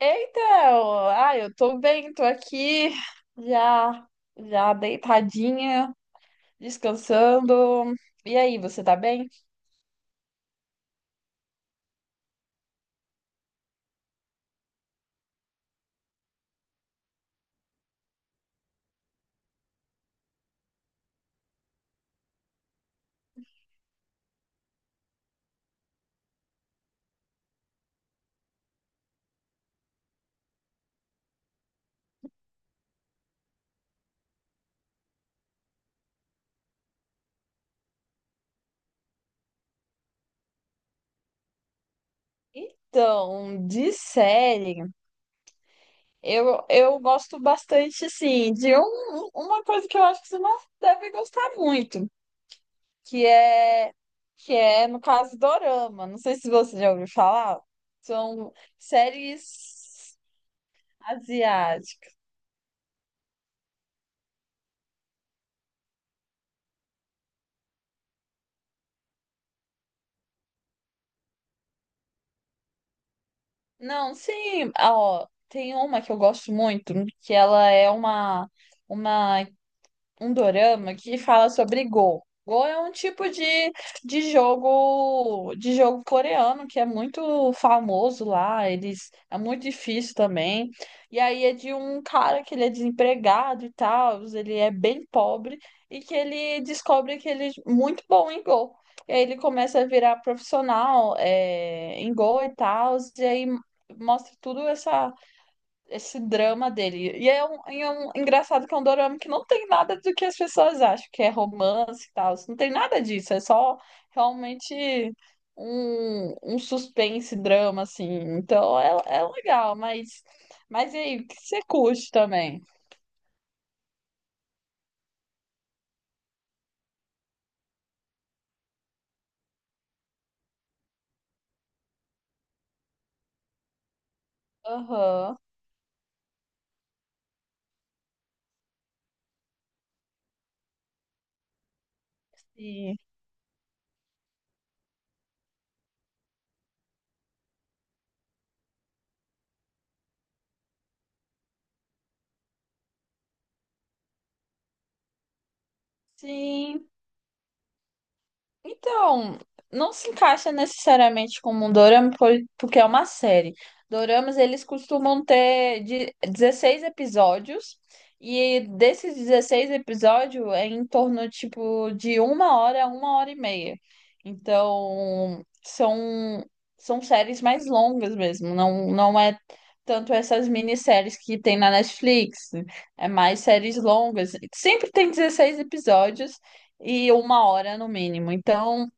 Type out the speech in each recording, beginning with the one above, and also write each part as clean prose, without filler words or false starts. Então, eu tô bem, tô aqui já já deitadinha, descansando. E aí, você tá bem? Então, de série, eu gosto bastante, sim, de uma coisa que eu acho que você não deve gostar muito, que é, que é, no caso, Dorama. Não sei se você já ouviu falar. São séries asiáticas. Não, sim, ó, tem uma que eu gosto muito, que ela é uma um dorama que fala sobre Go. Go é um tipo de jogo coreano que é muito famoso lá, eles é muito difícil também. E aí é de um cara que ele é desempregado e tal, ele é bem pobre e que ele descobre que ele é muito bom em Go. E aí ele começa a virar profissional em Go e tal, e aí mostra tudo essa esse drama dele. E é um engraçado que é um dorama que não tem nada do que as pessoas acham, que é romance e tal. Não tem nada disso, é só realmente um suspense, drama, assim. Então é, é legal, mas e aí, o que você curte também? Aham, sim. Sim. Então, não se encaixa necessariamente como um dorama, porque é uma série. Doramas, eles costumam ter de 16 episódios, e desses 16 episódios é em torno, tipo, de uma hora a uma hora e meia. Então, são, são séries mais longas mesmo, não é tanto essas minisséries que tem na Netflix, é mais séries longas. Sempre tem 16 episódios, e uma hora no mínimo. Então,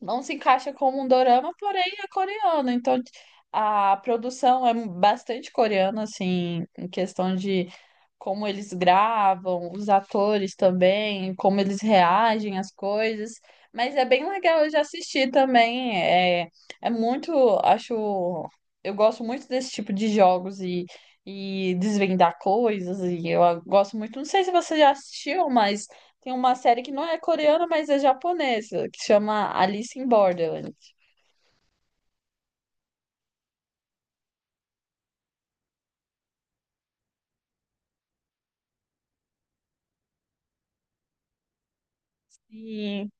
não se encaixa como um dorama, porém é coreano. Então, a produção é bastante coreana, assim, em questão de como eles gravam, os atores também, como eles reagem às coisas. Mas é bem legal, eu já assisti também. É, é muito, acho, eu gosto muito desse tipo de jogos e. E desvendar coisas, e eu gosto muito. Não sei se você já assistiu, mas tem uma série que não é coreana, mas é japonesa, que chama Alice in Borderland. E...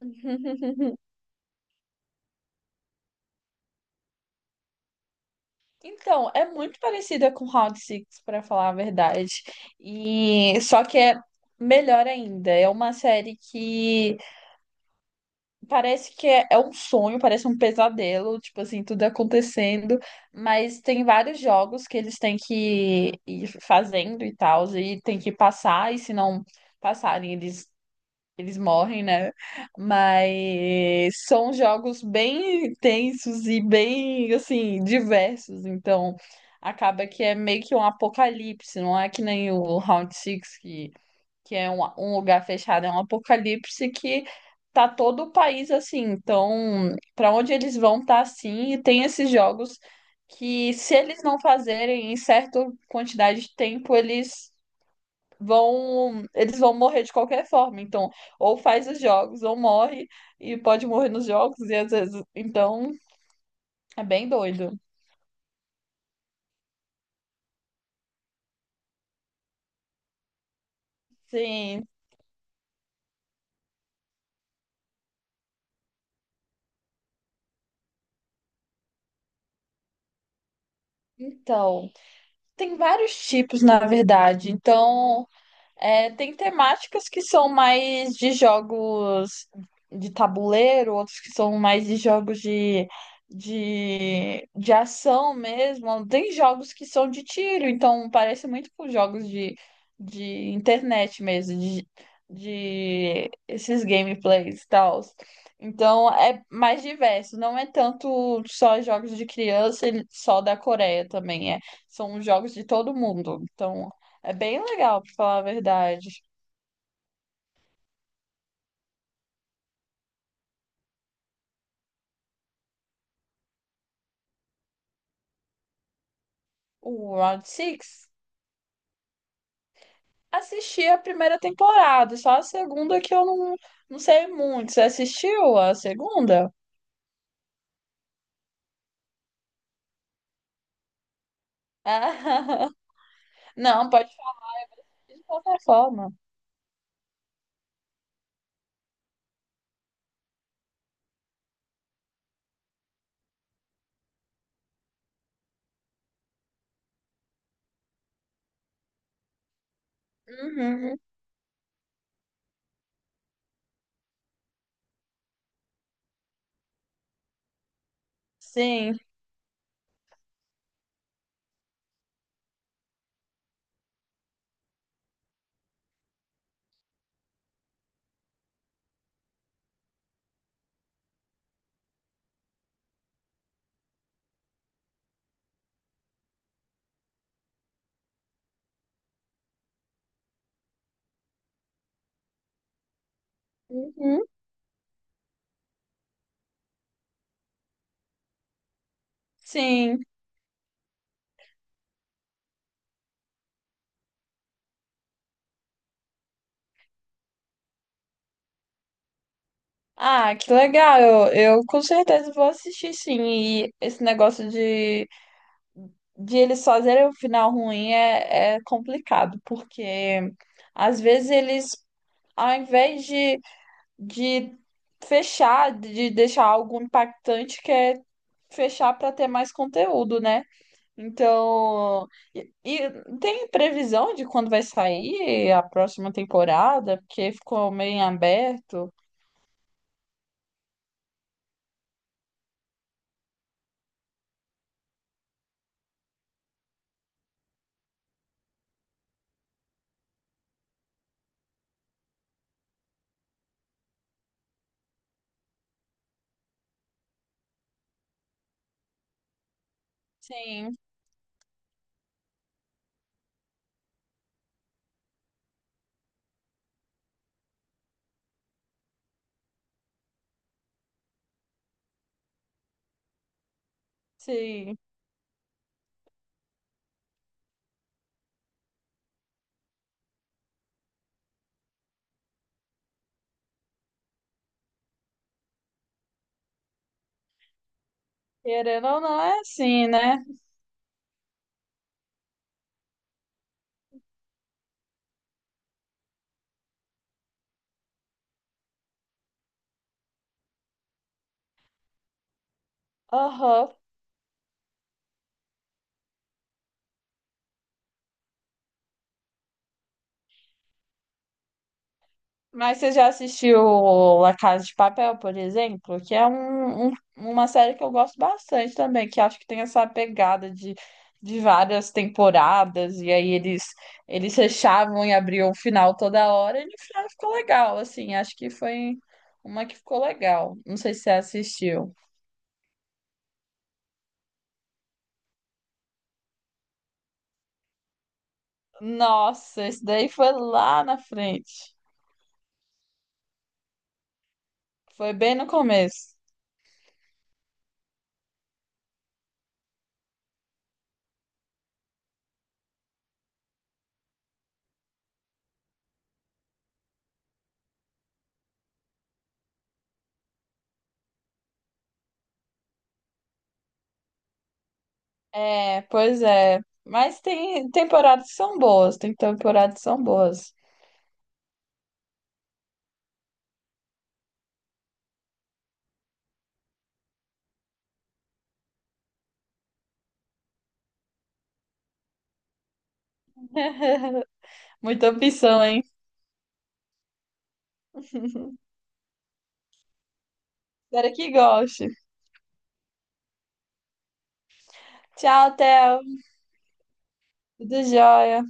Então, é muito parecida com Round Six, pra falar a verdade. E só que é melhor ainda. É uma série que parece que é um sonho, parece um pesadelo, tipo assim, tudo acontecendo, mas tem vários jogos que eles têm que ir fazendo e tal, e tem que passar, e se não passarem, eles morrem, né? Mas são jogos bem intensos e bem, assim, diversos. Então, acaba que é meio que um apocalipse. Não é que nem o Round Six que é um lugar fechado. É um apocalipse que tá todo o país assim. Então, para onde eles vão tá assim. E tem esses jogos que, se eles não fazerem em certa quantidade de tempo, eles vão morrer de qualquer forma. Então, ou faz os jogos, ou morre, e pode morrer nos jogos, e às vezes. Então, é bem doido. Sim. Então, tem vários tipos, na verdade. É, tem temáticas que são mais de jogos de tabuleiro, outros que são mais de jogos de ação mesmo. Tem jogos que são de tiro, então parece muito com jogos de internet mesmo, de esses gameplays e tal. Então é mais diverso, não é tanto só jogos de criança e só da Coreia também, é, são jogos de todo mundo. Então. É bem legal, pra falar a verdade. O Round Six assisti a primeira temporada, só a segunda que eu não, não sei muito. Você assistiu a segunda? Ah, não, pode falar de qualquer forma. Uhum, sim. Uhum, sim. Ah, que legal. Eu com certeza vou assistir, sim. E esse negócio de eles fazerem o final ruim é, é complicado, porque às vezes ao invés de fechar, de deixar algo impactante, que é fechar para ter mais conteúdo, né? Então, e tem previsão de quando vai sair a próxima temporada, porque ficou meio em aberto. Sim, sim. Querendo ou não, é assim, né? Aham. Mas você já assistiu La Casa de Papel, por exemplo? Que é uma série que eu gosto bastante também, que acho que tem essa pegada de várias temporadas, e aí eles fechavam e abriam o final toda hora, e no final ficou legal, assim, acho que foi uma que ficou legal. Não sei se você assistiu. Nossa, esse daí foi lá na frente. Foi bem no começo. É, pois é. Mas tem temporadas que são boas, tem temporadas que são boas. Muita opção, hein? Espero que goste. Tchau, Theo. Tudo jóia.